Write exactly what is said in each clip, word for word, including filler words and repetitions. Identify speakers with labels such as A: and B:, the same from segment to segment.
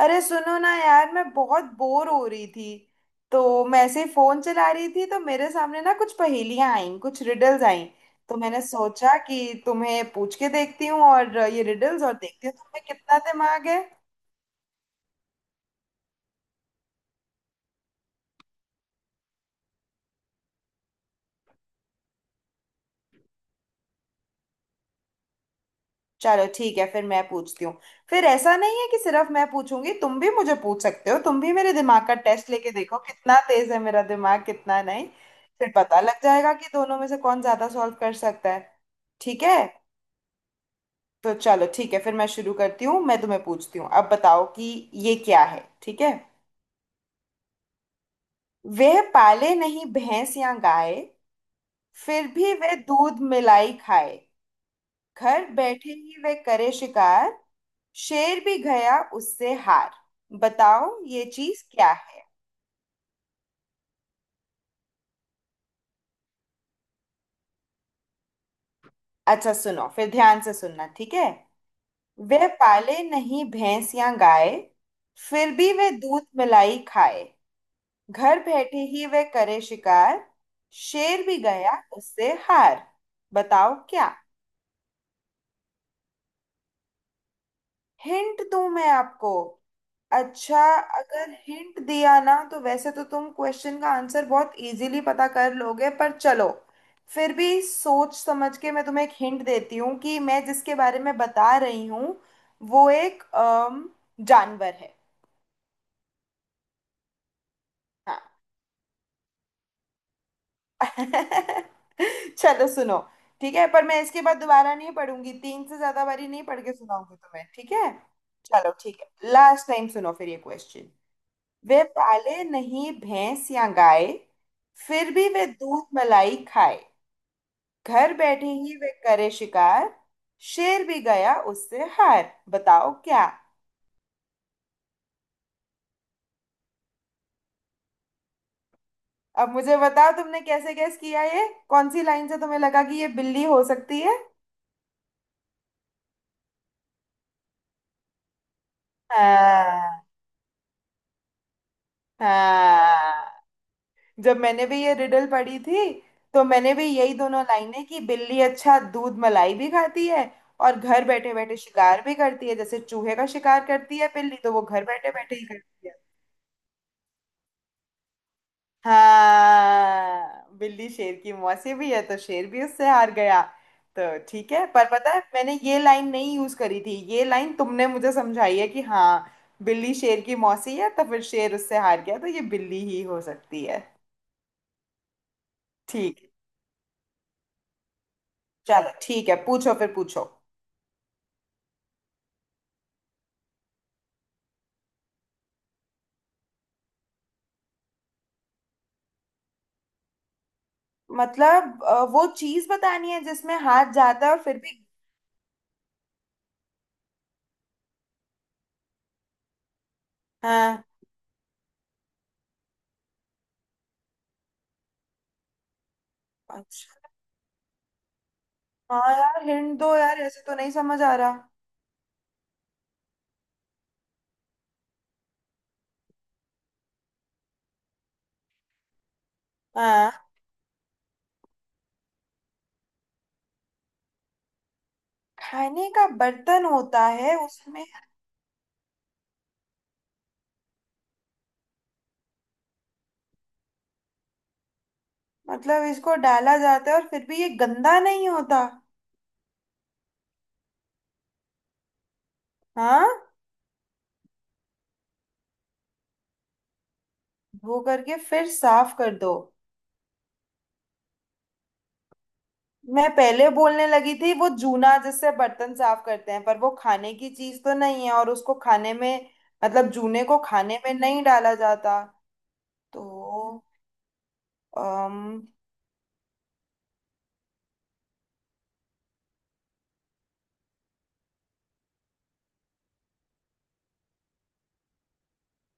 A: अरे सुनो ना यार, मैं बहुत बोर हो रही थी तो मैं ऐसे ही फोन चला रही थी। तो मेरे सामने ना कुछ पहेलियां आईं, कुछ रिडल्स आईं। तो मैंने सोचा कि तुम्हें पूछ के देखती हूँ और ये रिडल्स और देखती हूँ तो तुम्हें कितना दिमाग है। चलो ठीक है, फिर मैं पूछती हूँ। फिर ऐसा नहीं है कि सिर्फ मैं पूछूंगी, तुम भी मुझे पूछ सकते हो। तुम भी मेरे दिमाग का टेस्ट लेके देखो कितना तेज है मेरा दिमाग, कितना नहीं। फिर पता लग जाएगा कि दोनों में से कौन ज्यादा सॉल्व कर सकता है। ठीक है, तो चलो ठीक है, फिर मैं शुरू करती हूँ। मैं तुम्हें पूछती हूँ, अब बताओ कि ये क्या है, ठीक है। वह पाले नहीं भैंस या गाय, फिर भी वह दूध मिलाई खाए। घर बैठे ही वह करे शिकार, शेर भी गया उससे हार। बताओ ये चीज क्या है। अच्छा सुनो, फिर ध्यान से सुनना, ठीक है। वह पाले नहीं भैंस या गाय, फिर भी वह दूध मिलाई खाए। घर बैठे ही वह करे शिकार, शेर भी गया उससे हार। बताओ क्या। हिंट दूं मैं आपको? अच्छा, अगर हिंट दिया ना तो वैसे तो तुम क्वेश्चन का आंसर बहुत इजीली पता कर लोगे, पर चलो, फिर भी सोच समझ के मैं तुम्हें एक हिंट देती हूँ कि मैं जिसके बारे में बता रही हूँ वो एक अम, जानवर है। हाँ। चलो सुनो, ठीक है, पर मैं इसके बाद दोबारा नहीं पढ़ूंगी। तीन से ज्यादा बारी नहीं पढ़ के सुनाऊंगी तुम्हें, ठीक है। चलो ठीक है, लास्ट टाइम सुनो फिर ये क्वेश्चन। वे पाले नहीं भैंस या गाय, फिर भी वे दूध मलाई खाए। घर बैठे ही वे करे शिकार, शेर भी गया उससे हार। बताओ क्या। अब मुझे बताओ तुमने कैसे गैस किया, ये कौन सी लाइन से तुम्हें लगा कि ये बिल्ली हो सकती है? हाँ। हाँ। जब मैंने भी ये रिडल पढ़ी थी तो मैंने भी यही दोनों लाइनें, कि बिल्ली अच्छा दूध मलाई भी खाती है और घर बैठे बैठे शिकार भी करती है, जैसे चूहे का शिकार करती है बिल्ली, तो वो घर बैठे बैठे ही करती है। हाँ, बिल्ली शेर की मौसी भी है, तो शेर भी उससे हार गया। तो ठीक है, पर पता है मैंने ये लाइन नहीं यूज करी थी, ये लाइन तुमने मुझे समझाई है कि हाँ, बिल्ली शेर की मौसी है तो फिर शेर उससे हार गया, तो ये बिल्ली ही हो सकती है। ठीक, चलो ठीक है, पूछो, फिर पूछो। मतलब अ, वो चीज बतानी है जिसमें हाथ जाता है और फिर भी। हाँ। अच्छा, हाँ यार, हिंट दो यार, ऐसे तो नहीं समझ आ रहा। हाँ, खाने का बर्तन होता है उसमें। मतलब इसको डाला जाता है और फिर भी ये गंदा नहीं होता। हाँ। धो करके फिर साफ कर दो। मैं पहले बोलने लगी थी वो जूना, जिससे बर्तन साफ करते हैं, पर वो खाने की चीज तो नहीं है और उसको खाने में, मतलब जूने को खाने में नहीं डाला जाता। तो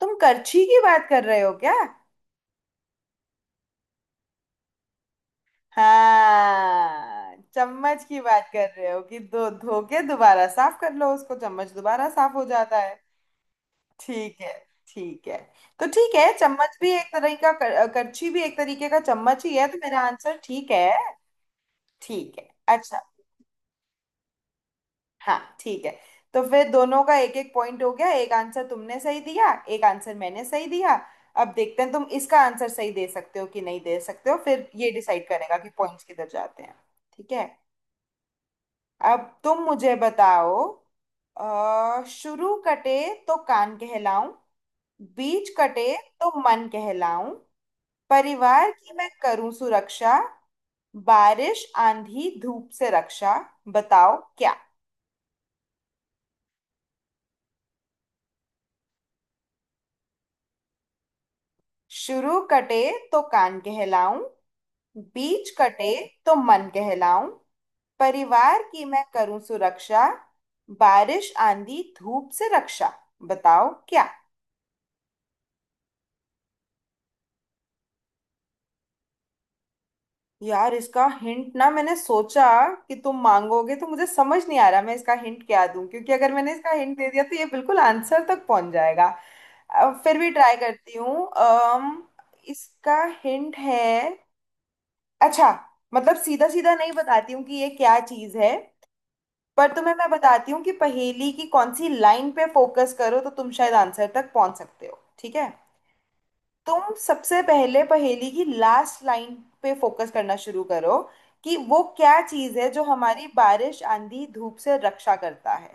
A: तुम करछी की बात कर रहे हो क्या? हाँ, चम्मच की बात कर रहे हो कि धो धो के दोबारा साफ कर लो उसको, चम्मच दोबारा साफ हो जाता है। ठीक है। ठीक है। तो ठीक है, चम्मच भी एक तरह का कर, करछी भी एक तरीके का चम्मच ही है तो मेरा आंसर ठीक है। ठीक है। अच्छा। हाँ ठीक है। तो फिर दोनों का एक एक पॉइंट हो गया, एक आंसर तुमने सही दिया, एक आंसर मैंने सही दिया। अब देखते हैं तुम इसका आंसर सही दे सकते हो कि नहीं दे सकते हो, फिर ये डिसाइड करेगा कि पॉइंट्स किधर जाते हैं। ठीक है। अब तुम मुझे बताओ। अ, शुरू कटे तो कान कहलाऊं, बीच कटे तो मन कहलाऊं। परिवार की मैं करूं सुरक्षा, बारिश आंधी धूप से रक्षा। बताओ क्या। शुरू कटे तो कान कहलाऊं, बीच कटे तो मन कहलाऊं। परिवार की मैं करूं सुरक्षा, बारिश आंधी धूप से रक्षा। बताओ क्या। यार इसका हिंट ना मैंने सोचा कि तुम मांगोगे, तो मुझे समझ नहीं आ रहा मैं इसका हिंट क्या दूं, क्योंकि अगर मैंने इसका हिंट दे दिया तो ये बिल्कुल आंसर तक पहुंच जाएगा। अ, फिर भी ट्राई करती हूँ। अम, इसका हिंट है, अच्छा, मतलब सीधा सीधा नहीं बताती हूँ कि ये क्या चीज़ है, पर तुम्हें मैं बताती हूँ कि पहेली की कौन सी लाइन पे फोकस करो तो तुम शायद आंसर तक पहुंच सकते हो, ठीक है। तुम सबसे पहले पहेली की लास्ट लाइन पे फोकस करना शुरू करो, कि वो क्या चीज है जो हमारी बारिश आंधी धूप से रक्षा करता है।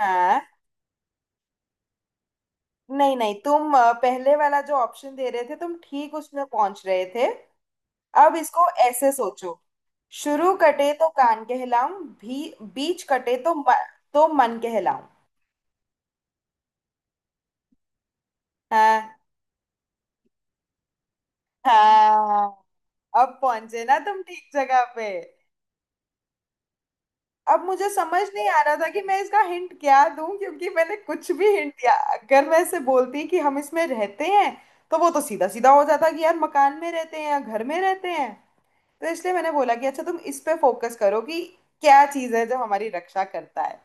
A: हाँ। नहीं नहीं, तुम अ, पहले वाला जो ऑप्शन दे रहे थे तुम ठीक उसमें पहुंच रहे थे। अब इसको ऐसे सोचो, शुरू कटे तो कान कहलाऊं भी, बीच कटे तो म, तो मन कहलाऊं। हाँ। हाँ। अब पहुंचे ना तुम ठीक जगह पे। अब मुझे समझ नहीं आ रहा था कि मैं इसका हिंट क्या दूं, क्योंकि मैंने कुछ भी हिंट दिया, अगर मैं ऐसे बोलती कि हम इसमें रहते हैं, तो वो तो सीधा सीधा हो जाता कि यार मकान में रहते हैं या घर में रहते हैं। तो इसलिए मैंने बोला कि अच्छा तुम इस पे फोकस करो कि क्या चीज है जो हमारी रक्षा करता है।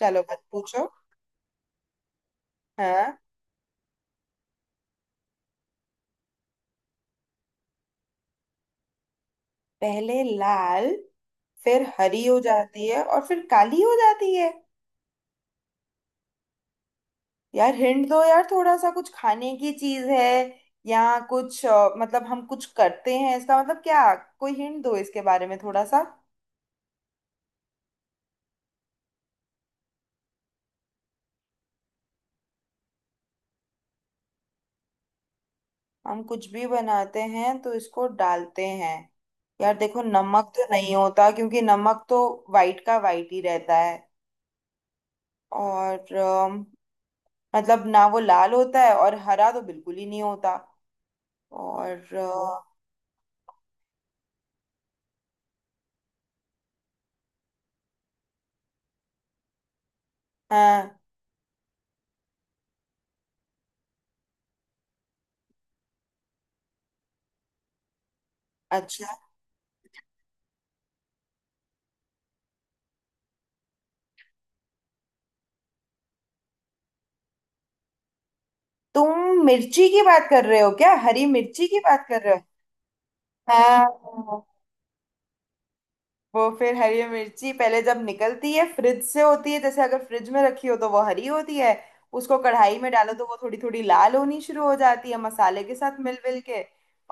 A: चलो मत पूछो। हाँ। पहले लाल, फिर हरी हो जाती है और फिर काली हो जाती है। यार हिंट दो यार थोड़ा सा, कुछ खाने की चीज है या कुछ अ, मतलब हम कुछ करते हैं इसका मतलब क्या? कोई हिंट दो इसके बारे में थोड़ा सा। हम कुछ भी बनाते हैं तो इसको डालते हैं? यार देखो, नमक तो नहीं होता, क्योंकि नमक तो वाइट का वाइट ही रहता है और अम, मतलब ना वो लाल होता है और हरा तो बिल्कुल ही नहीं होता और अ, हाँ। अच्छा, तुम मिर्ची की बात कर रहे हो क्या, हरी मिर्ची की बात कर रहे हो? हाँ, वो फिर हरी मिर्ची पहले जब निकलती है फ्रिज से होती है, जैसे अगर फ्रिज में रखी हो तो वो हरी होती है। उसको कढ़ाई में डालो तो वो थोड़ी थोड़ी लाल होनी शुरू हो जाती है मसाले के साथ मिल मिल के।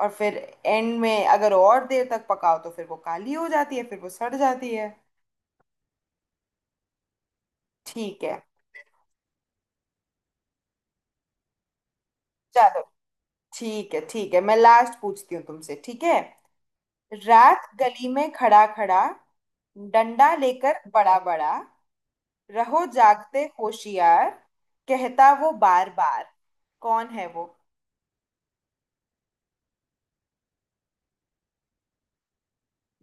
A: और फिर एंड में अगर और देर तक पकाओ तो फिर वो काली हो जाती है, फिर वो सड़ जाती है। ठीक है। चलो ठीक है, ठीक है, मैं लास्ट पूछती हूँ तुमसे, ठीक है। रात गली में खड़ा खड़ा, डंडा लेकर बड़ा बड़ा, रहो जागते होशियार, कहता वो बार बार। कौन है वो?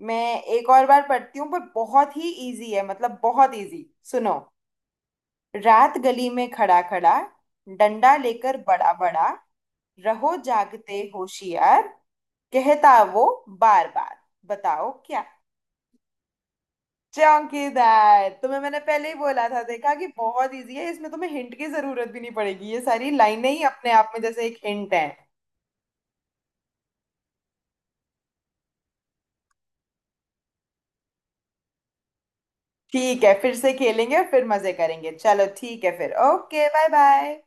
A: मैं एक और बार पढ़ती हूँ, पर बहुत ही इजी है, मतलब बहुत इजी। सुनो। रात गली में खड़ा खड़ा, डंडा लेकर बड़ा बड़ा, रहो जागते होशियार, कहता वो बार बार। बताओ क्या। चौकीदार, तुम्हें मैंने पहले ही बोला था देखा कि बहुत इजी है, इसमें तुम्हें हिंट की जरूरत भी नहीं पड़ेगी, ये सारी लाइनें ही अपने आप में जैसे एक हिंट है। ठीक है, फिर से खेलेंगे और फिर मजे करेंगे। चलो ठीक है फिर, ओके, बाय बाय।